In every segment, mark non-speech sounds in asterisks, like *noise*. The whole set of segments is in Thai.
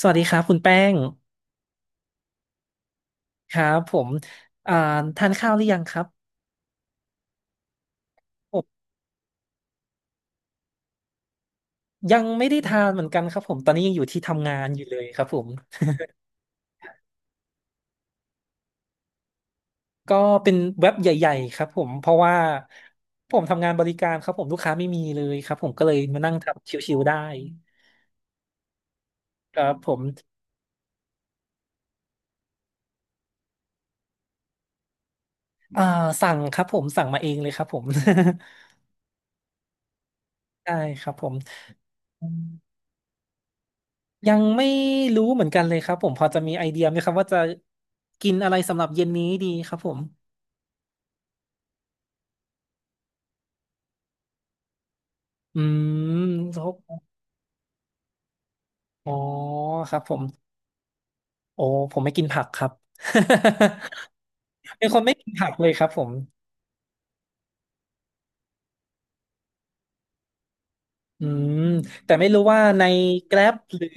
สวัสดีครับคุณแป้งครับผมอ่าทานข้าวหรือยังครับผมยังไม่ได้ทานเหมือนกันครับผมตอนนี้ยังอยู่ที่ทำงานอยู่เลยครับผมก็เป็นเว็บใหญ่ๆครับผมเพราะว่าผมทำงานบริการครับผมลูกค้าไม่มีเลยครับผมก็เลยมานั่งทำชิวๆได้ครับผมอ่าสั่งครับผมสั่งมาเองเลยครับผม *laughs* ได้ครับผมยังไม่รู้เหมือนกันเลยครับผมพอจะมีไอเดียไหมครับว่าจะกินอะไรสำหรับเย็นนี้ดีครับผม อืมเขาอ๋อครับผมโอ้ผมไม่กินผักครับ *laughs* เป็นคนไม่กินผักเลยครับผมอืมแต่ไม่รู้ว่าใน Grab หรือ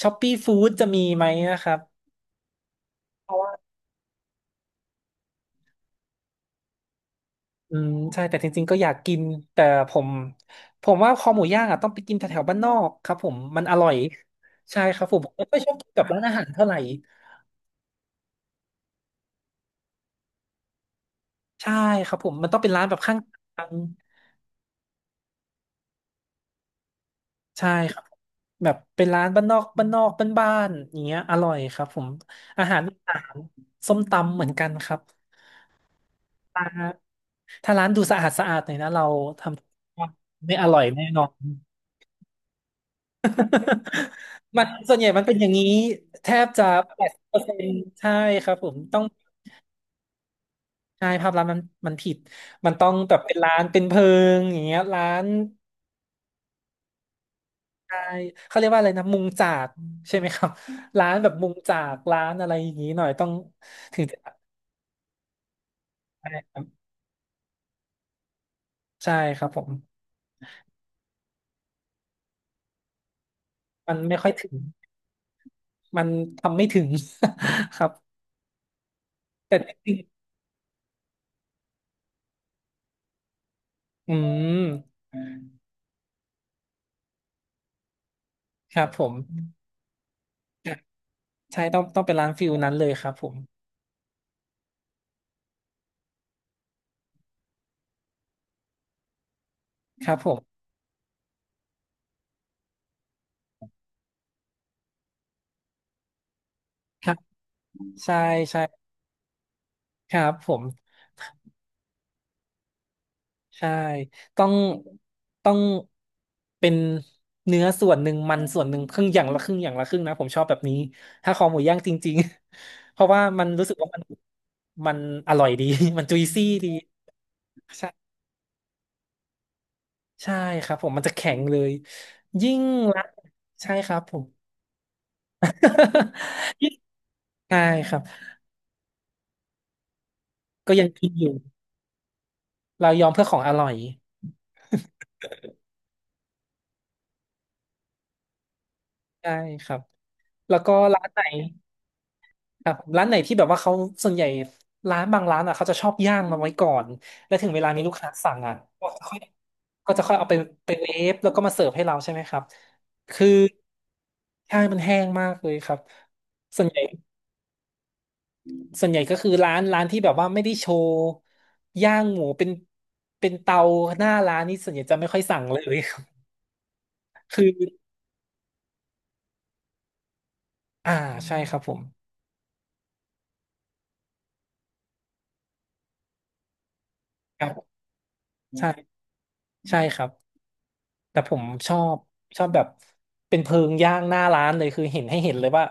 Shopee Food จะมีไหมนะครับเพราะว่าใช่แต่จริงๆก็อยากกินแต่ผมผมว่าคอหมูย่างอ่ะต้องไปกินแถวๆบ้านนอกครับผมมันอร่อยใช่ครับผมไม่ค่อยชอบกินกับร้านอาหารเท่าไหร่ใช่ครับผมมันต้องเป็นร้านแบบข้างทาง ใช่ครับแบบเป็นร้านบ้านนอกบ้านนอกบ้านๆอย่างเงี้ยอร่อยครับผมอาหารอีสานส้มตำเหมือนกันครับถ้าถ้าร้านดูสะอาดสะอาดหน่อยนะเราทำไม่อร่อยแน่นอน *laughs* มันส่วนใหญ่มันเป็นอย่างนี้แทบจะ80%ใช่ครับผมต้องใช่ภาพลักษณ์มันผิดมันต้องแบบเป็นร้านเป็นเพิงอย่างเงี้ยร้าน ใช่เขาเรียกว่าอะไรนะมุงจากใช่ไหมครับร้านแบบมุงจากร้านอะไรอย่างนี้หน่อยต้องถึงจะใช่ครับใช่ครับผมมันไม่ค่อยถึงมันทำไม่ถึง *laughs* ครับแต่จริงๆมครับผมใช่ต้องเป็นร้านฟิลนั้นเลยครับผมครับผมครับใช่ใช่ครับผม ใช่ต้องต้องเป็นเนื้อส่วนหนึ่งมันส่วนหนึ่งครึ่งอย่างละครึ่งอย่างละครึ่งนะผมชอบแบบนี้ถ้าคอหมูย่างจริงๆ *laughs* เพราะว่ามันรู้สึกว่ามันอร่อยดี *laughs* มันจุยซี่ดีใช่ใช่ครับผมมันจะแข็งเลยยิ่งละใช่ครับผม *laughs* ยิ่งใช่ครับก็ยังกินอยู่เรายอมเพื่อของอร่อยใช่ครับแล้วก็ร้านไหน ครับร้านไหนที่แบบว่าเขาส่วนใหญ่ร้านบางร้านอ่ะเขาจะชอบย่างมาไว้ก่อนแล้วถึงเวลามีลูกค้าสั่งอ่ะก็จะค่อยก็จะค่อยเอาไปไปเวฟแล้วก็มาเสิร์ฟให้เราใช่ไหมครับคือใช่มันแห้งมากเลยครับส่วนใหญ่ส่วนใหญ่ก็คือร้านที่แบบว่าไม่ได้โชว์ย่างหมูเป็นเตาหน้าร้านนี่ส่วนใหญ่จะไม่ค่อยสั่งเลย *laughs* คืออ่าใช่ครับผมครับใช่ใช่ครับ แต่ผมชอบชอบแบบเป็นเพลิงย่างหน้าร้านเลยคือเห็นให้เห็นเลยว่า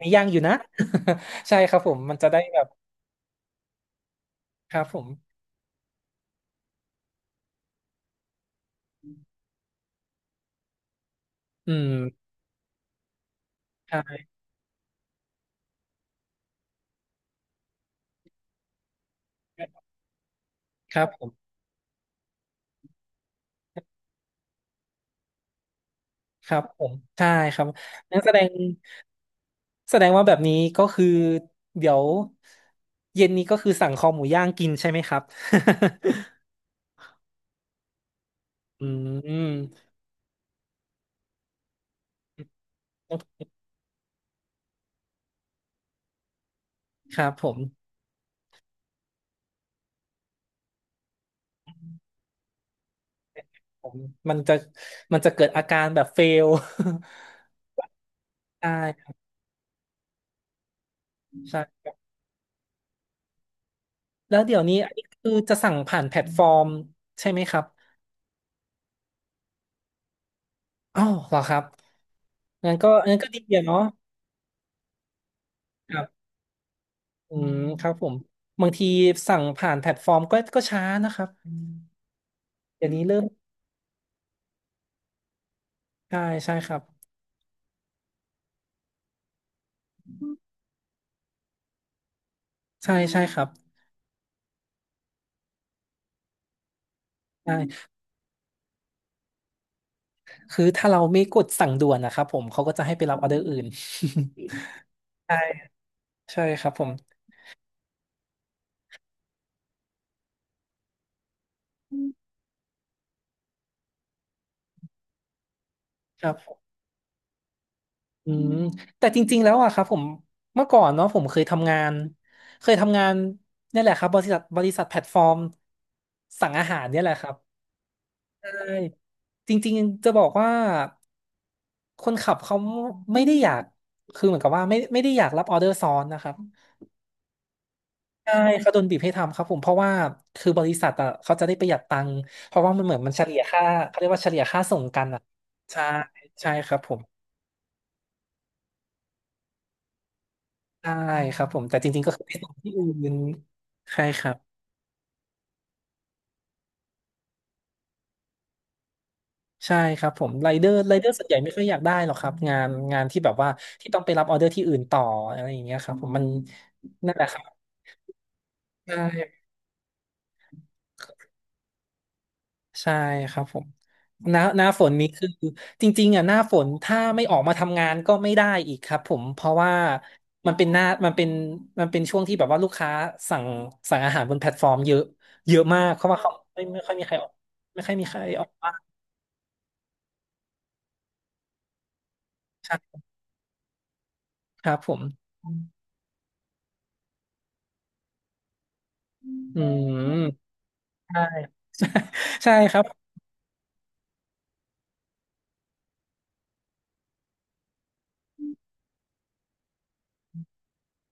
มีย่างอยู่นะ *laughs* ใช่ครับผมมันจะได้แบบครับผมอืมใช่ครับผมครับผมใช่ครับนั่นแสดงว่าแบบนี้ก็คือเดี๋ยวเย็นนี้ก็คือสั่งคอหมูย่างกินใช่ไหมครับ *laughs* อืมครับผมผมมันจะมันจะเกิดอาการแบบเฟล *laughs* ใช่ครับ แล้วเดี๋ยวนี้อันนี้คือจะสั่งผ่านแพลตฟอร์มใช่ไหมครับอ้าวเหรอครับงั้นก็ดีอะเนาะครับอืมครับผมบางทีสั่งผ่านแพลตฟอร์มก็ช้านะครับเดี๋ยวนี้เริ่มใช่ใช่ครับใช่ใช่ครับใช่คือถ้าเราไม่กดสั่งด่วนนะครับผมเขาก็จะให้ไปรับออเดอร์อื่น *laughs* ใช่ใช่ครับผมครับ อืมแต่จริงๆแล้วอะครับผมเมื่อก่อนเนาะผมเคยทำงานเนี่ยแหละครับบริษัทแพลตฟอร์มสั่งอาหารเนี่ยแหละครับใช่จริงๆจะบอกว่าคนขับเขาไม่ได้อยากคือเหมือนกับว่าไม่ได้อยากรับออเดอร์ซ้อนนะครับใช่เขาโดนบีบให้ทำครับผมเพราะว่าคือบริษัทอะเขาจะได้ประหยัดตังค์เพราะว่ามันเหมือนมันเฉลี่ยค่าเขาเรียกว่าเฉลี่ยค่าส่งกันอะใช่ใช่ครับผมใช่ครับผมแต่จริงๆก็คือไปส่งที่อื่นใช่ครับ ใช่ครับผมไรเดอร์ส่วนใหญ่ไม่ค่อยอยากได้หรอกครับงานที่แบบว่าที่ต้องไปรับออเดอร์ที่อื่นต่ออะไรอย่างเงี้ยครับผมมันนั่นแหละครับใช่ใช่ครับผมหน้าฝนนี้คือจริงๆอ่ะหน้าฝนถ้าไม่ออกมาทำงานก็ไม่ได้อีกครับผมเพราะว่ามันเป็นหน้ามันเป็นมันเป็นช่วงที่แบบว่าลูกค้าสั่งสั่งอาหารบนแพลตฟอร์มเยอะเยอะมากเพราะว่าเขาไม่ค่อยมีใครออกไม่ค่อยมีใครออกบ้างใช่ครับผมอืมใช่ใช่ครับ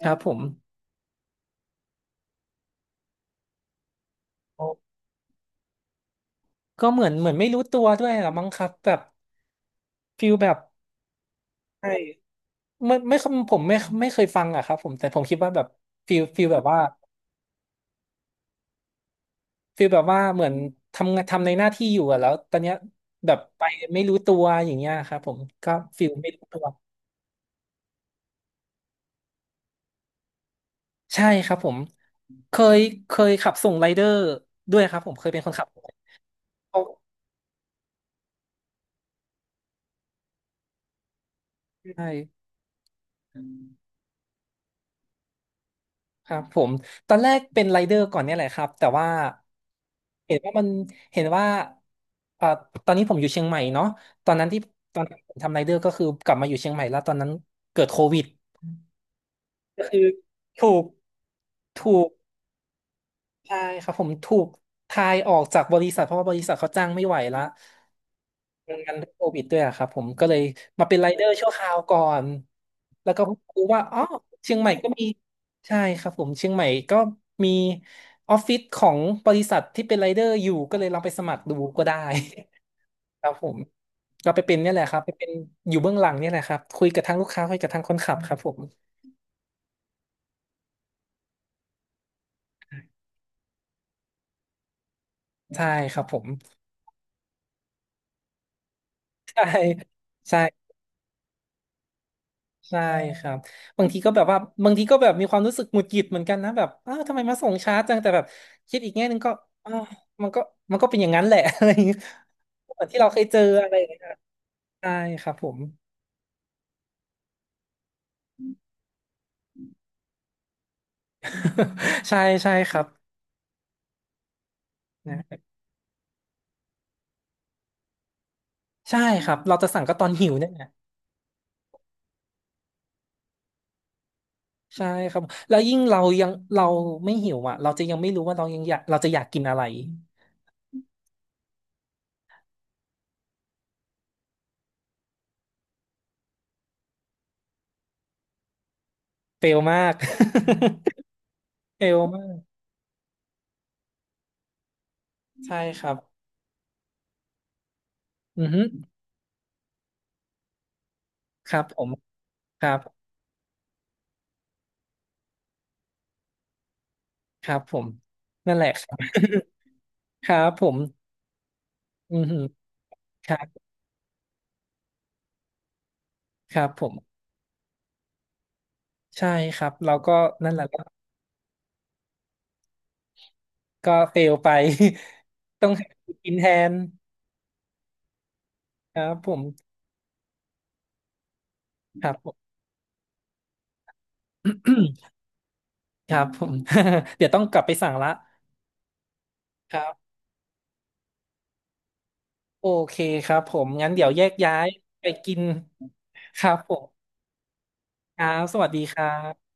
ครับผมโอ้ก็เหมือนไม่รู้ตัวด้วยลอมั้งครับแบบฟิลแบบใช่ไม่ผมไม่ไม่เคยฟังอะครับผมแต่ผมคิดว่าแบบฟิลแบบว่าฟิลแบบว่าเหมือนทำงานทำในหน้าที่อยู่อะแล้วตอนเนี้ยแบบไปไม่รู้ตัวอย่างเงี้ยครับผมก็ฟิลไม่รู้ตัวใช่ครับผมเคยเคยขับส่งไรเดอร์ด้วยครับผมเคยเป็นคนขับเขาใช่ ครับผมตอนแรกเป็นไรเดอร์ก่อนเนี่ยแหละครับแต่ว่าเห็นว่ามันเห็นว่าเอ่อตอนนี้ผมอยู่เชียงใหม่เนาะตอนนั้นที่ตอนผมทำไรเดอร์ก็คือกลับมาอยู่เชียงใหม่แล้วตอนนั้นเกิดโควิดก็คือถูกถูกใช่ครับผมถูกทายออกจากบริษัทเพราะว่าบริษัทเขาจ้างไม่ไหวละ มันกันด้วยโควิดด้วยอะครับผมก็เลยมาเป็นไรเดอร์ชั่วคราวก่อนแล้วก็เรู้ว่าอ๋อเชียงใหม่ก็มีใช่ครับผมเชียงใหม่ก็มีออฟฟิศของบริษัทที่เป็นไรเดอร์อยู่ก็เลยลองไปสมัครดูก็ได้ *laughs* ครับผมก็ไปเป็นเนี่ยแหละครับไปเป็นอยู่เบื้องหลังเนี่ยแหละครับคุยกับทางลูกค้าคุยกับทางคนขับครับผมใช่ครับผมใช่ใช่ ใช่ครับบางทีก็แบบว่าบางทีก็แบบมีความรู้สึกหงุดหงิดเหมือนกันนะแบบอ้าวทำไมมาส่งช้าจังแต่แบบคิดอีกแง่หนึ่งก็อ้าวมันก็มันก็เป็นอย่างนั้นแหละ *laughs* อะไรอย่างเงี้ยเหมือนที่เราเคยเจออะไรอย่างเงี้ยใช่ครับผม *laughs* ใช่ใช่ครับนะใช่ครับเราจะสั่งก็ตอนหิวเนี่ยนะใช่ครับแล้วยิ่งเรายังเราไม่หิวอ่ะเราจะยังไม่รู้ว่าเรายังอยากเราจะอยากกินอะไรเฟลมาก *laughs* เฟลมากใช่ครับอือฮึครับผมครับ ครับผมนั่นแหละครับ *laughs* ครับผมอือหือครับครับผมใช่ครับเราก็นั่นแหละก็ก็เฟลไป *laughs* ต้องหากินแทนครับผมครับผม *coughs* ครับผม *laughs* เดี๋ยวต้องกลับไปสั่งละครับโอเคครับผมงั้นเดี๋ยวแยกย้ายไปกินครับผมครับสวัสดีครับ